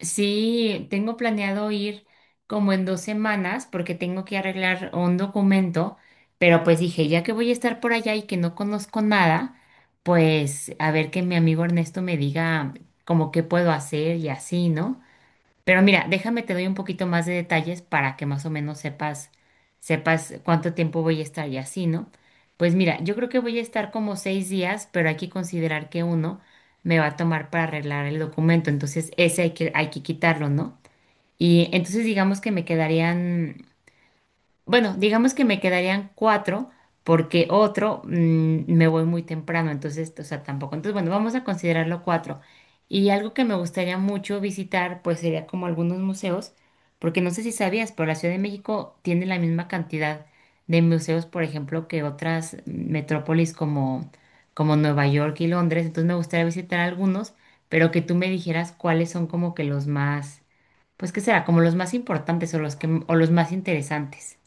Sí, tengo planeado ir como en 2 semanas porque tengo que arreglar un documento, pero pues dije, ya que voy a estar por allá y que no conozco nada, pues a ver que mi amigo Ernesto me diga como qué puedo hacer y así, ¿no? Pero mira, déjame te doy un poquito más de detalles para que más o menos sepas cuánto tiempo voy a estar y así, ¿no? Pues mira, yo creo que voy a estar como 6 días, pero hay que considerar que uno me va a tomar para arreglar el documento, entonces ese hay que quitarlo, ¿no? Y entonces digamos que me quedarían bueno, digamos que me quedarían cuatro porque otro me voy muy temprano, entonces, o sea, tampoco. Entonces, bueno, vamos a considerarlo cuatro. Y algo que me gustaría mucho visitar, pues sería como algunos museos, porque no sé si sabías, pero la Ciudad de México tiene la misma cantidad de museos, por ejemplo, que otras metrópolis como Nueva York y Londres. Entonces, me gustaría visitar algunos, pero que tú me dijeras cuáles son como que los más, pues, ¿qué será? Como los más importantes o los que, o los más interesantes.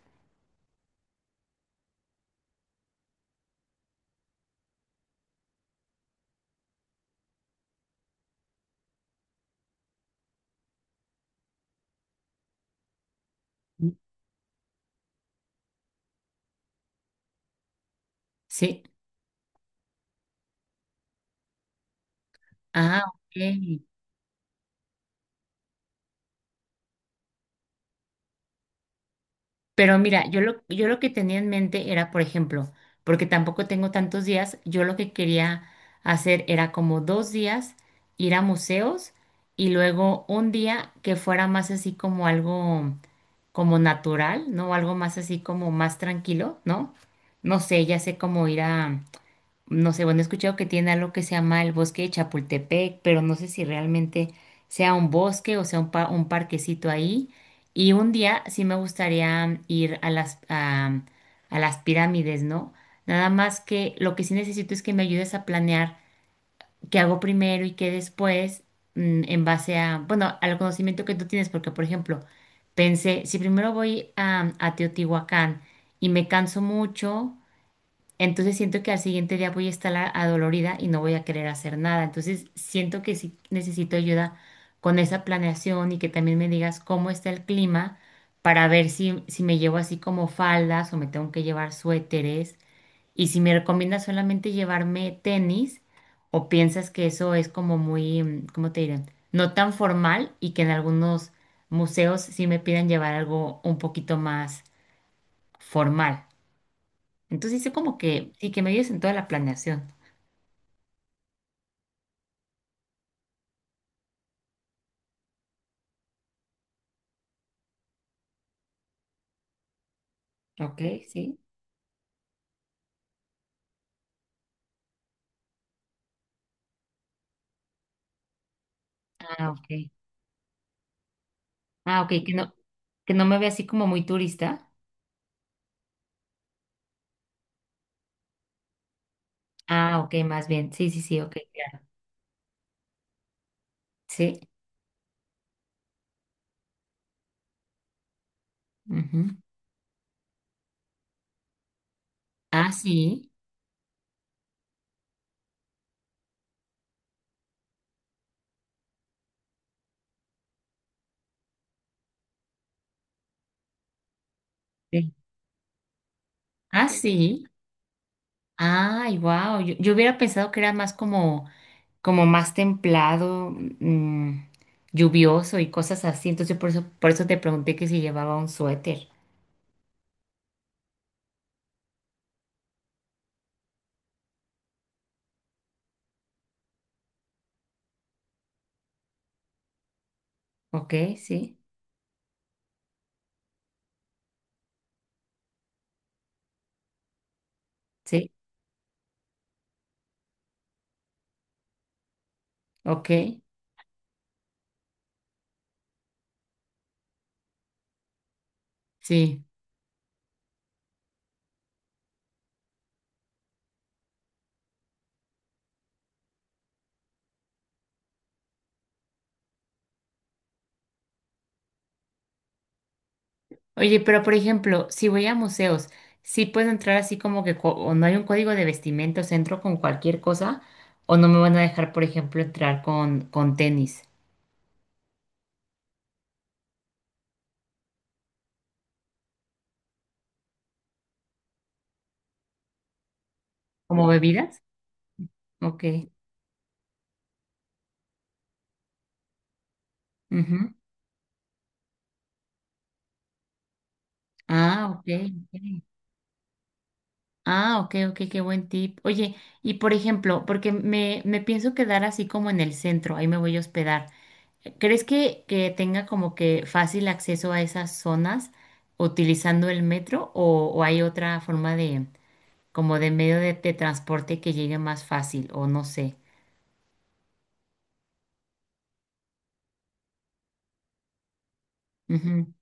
Sí. Ah, ok. Pero mira, yo lo que tenía en mente era, por ejemplo, porque tampoco tengo tantos días, yo lo que quería hacer era como 2 días ir a museos y luego un día que fuera más así como algo como natural, ¿no? Algo más así como más tranquilo, ¿no? No sé, ya sé cómo ir a... No sé, bueno, he escuchado que tiene algo que se llama el bosque de Chapultepec, pero no sé si realmente sea un bosque o sea un, un parquecito ahí. Y un día sí me gustaría ir a a las pirámides, ¿no? Nada más que lo que sí necesito es que me ayudes a planear qué hago primero y qué después, en base a, bueno, al conocimiento que tú tienes, porque, por ejemplo, pensé, si primero voy a Teotihuacán y me canso mucho entonces siento que al siguiente día voy a estar adolorida y no voy a querer hacer nada. Entonces siento que sí necesito ayuda con esa planeación y que también me digas cómo está el clima para ver si me llevo así como faldas o me tengo que llevar suéteres. Y si me recomiendas solamente llevarme tenis o piensas que eso es como muy, ¿cómo te diré? No tan formal y que en algunos museos sí me pidan llevar algo un poquito más formal. Entonces hice como que, sí, que me ayudes en toda la planeación. Ok, sí. Ah, ok. Ah, ok, que no me vea así como muy turista. Ah, ok, más bien. Sí, sí, sí, ok, claro. Sí. Ujú. Ah, sí. Sí. Ah, sí. Ay, wow. Yo hubiera pensado que era más como, como más templado, mm, lluvioso y cosas así. Entonces por eso te pregunté que si llevaba un suéter. Ok, sí, sí, ok, sí. Oye, pero por ejemplo, si voy a museos, ¿sí puedo entrar así como que co- o no hay un código de vestimenta, o sea, entro con cualquier cosa, o no me van a dejar, por ejemplo, entrar con tenis? ¿Como No. bebidas? Ok. Ujú. Ah, ok. Ok. Ah, ok, ok, qué buen tip. Oye, y por ejemplo, porque me pienso quedar así como en el centro, ahí me voy a hospedar. ¿Crees que tenga como que fácil acceso a esas zonas utilizando el metro o hay otra forma de... como de medio de transporte que llegue más fácil o no sé. Ujú.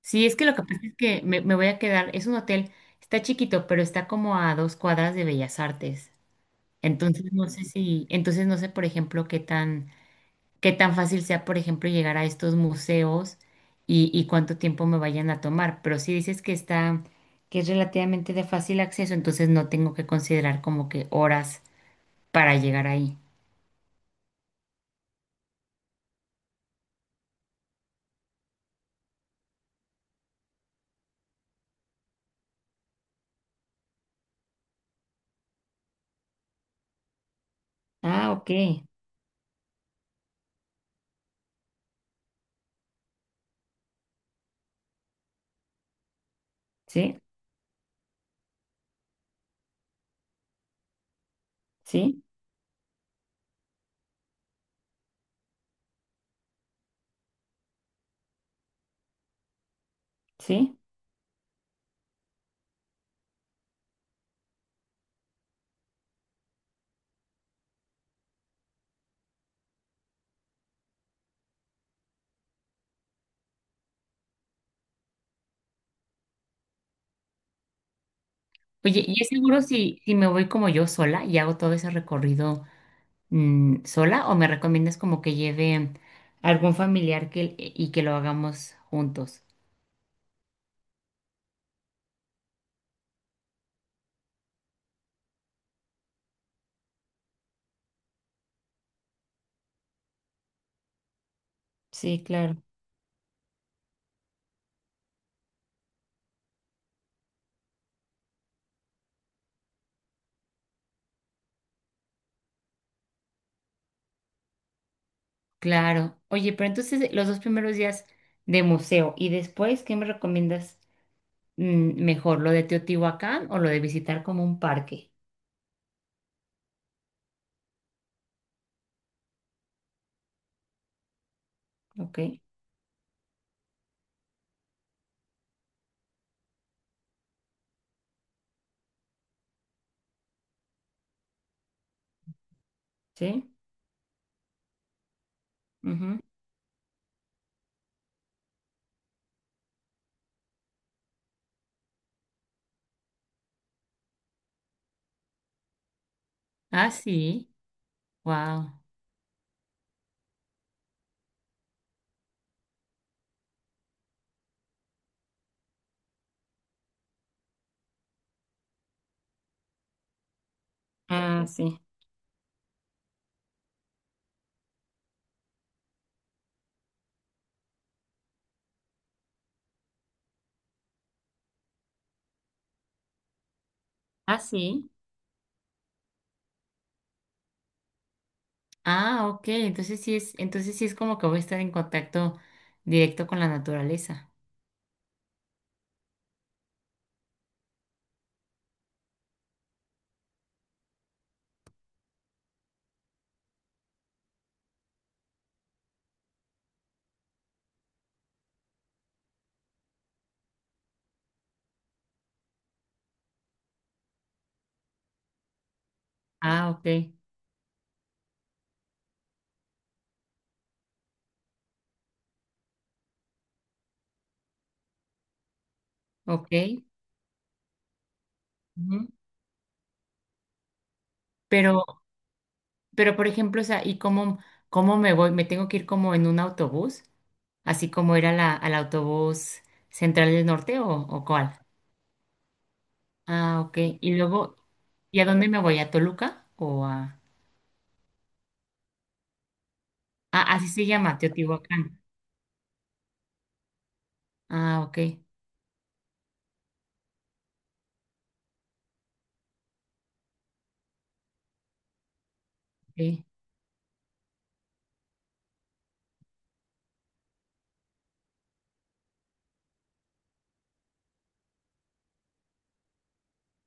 Sí, es que lo que pasa es que me voy a quedar, es un hotel, está chiquito, pero está como a 2 cuadras de Bellas Artes. Entonces no sé si, entonces no sé, por ejemplo, qué tan fácil sea, por ejemplo, llegar a estos museos y cuánto tiempo me vayan a tomar. Pero si dices que está, que es relativamente de fácil acceso, entonces no tengo que considerar como que horas para llegar ahí. Ah, ok. Sí, sí, sí. Oye, ¿y es seguro si me voy como yo sola y hago todo ese recorrido sola o me recomiendas como que lleve algún familiar que, e, y que lo hagamos juntos? Sí, claro. Claro. Oye, pero entonces los 2 primeros días de museo y después, ¿qué me recomiendas mejor? ¿Lo de Teotihuacán o lo de visitar como un parque? ¿Ok? ¿Sí? Ujú. Ah, sí. Wow. Ah, sí. Ah, sí. Ah, ok, entonces sí es como que voy a estar en contacto directo con la naturaleza. Ah, ok, ok. Ujú. Pero, pero por ejemplo, o sea, ¿y cómo, cómo me voy? ¿Me tengo que ir como en un autobús? ¿Así como era la, al autobús central del norte o cuál? Ah, ok. Y luego, ¿y a dónde me voy? ¿A Toluca o a...? Ah, así se llama, Teotihuacán. Ah, ok, ok.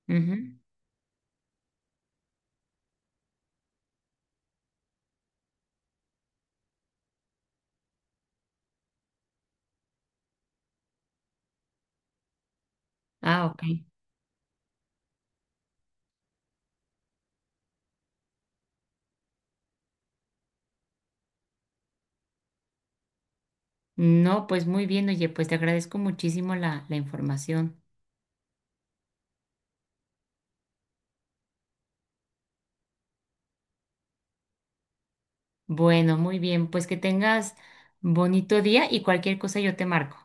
Ujú. Ah, ok. No, pues muy bien, oye, pues te agradezco muchísimo la información. Bueno, muy bien, pues que tengas bonito día y cualquier cosa yo te marco.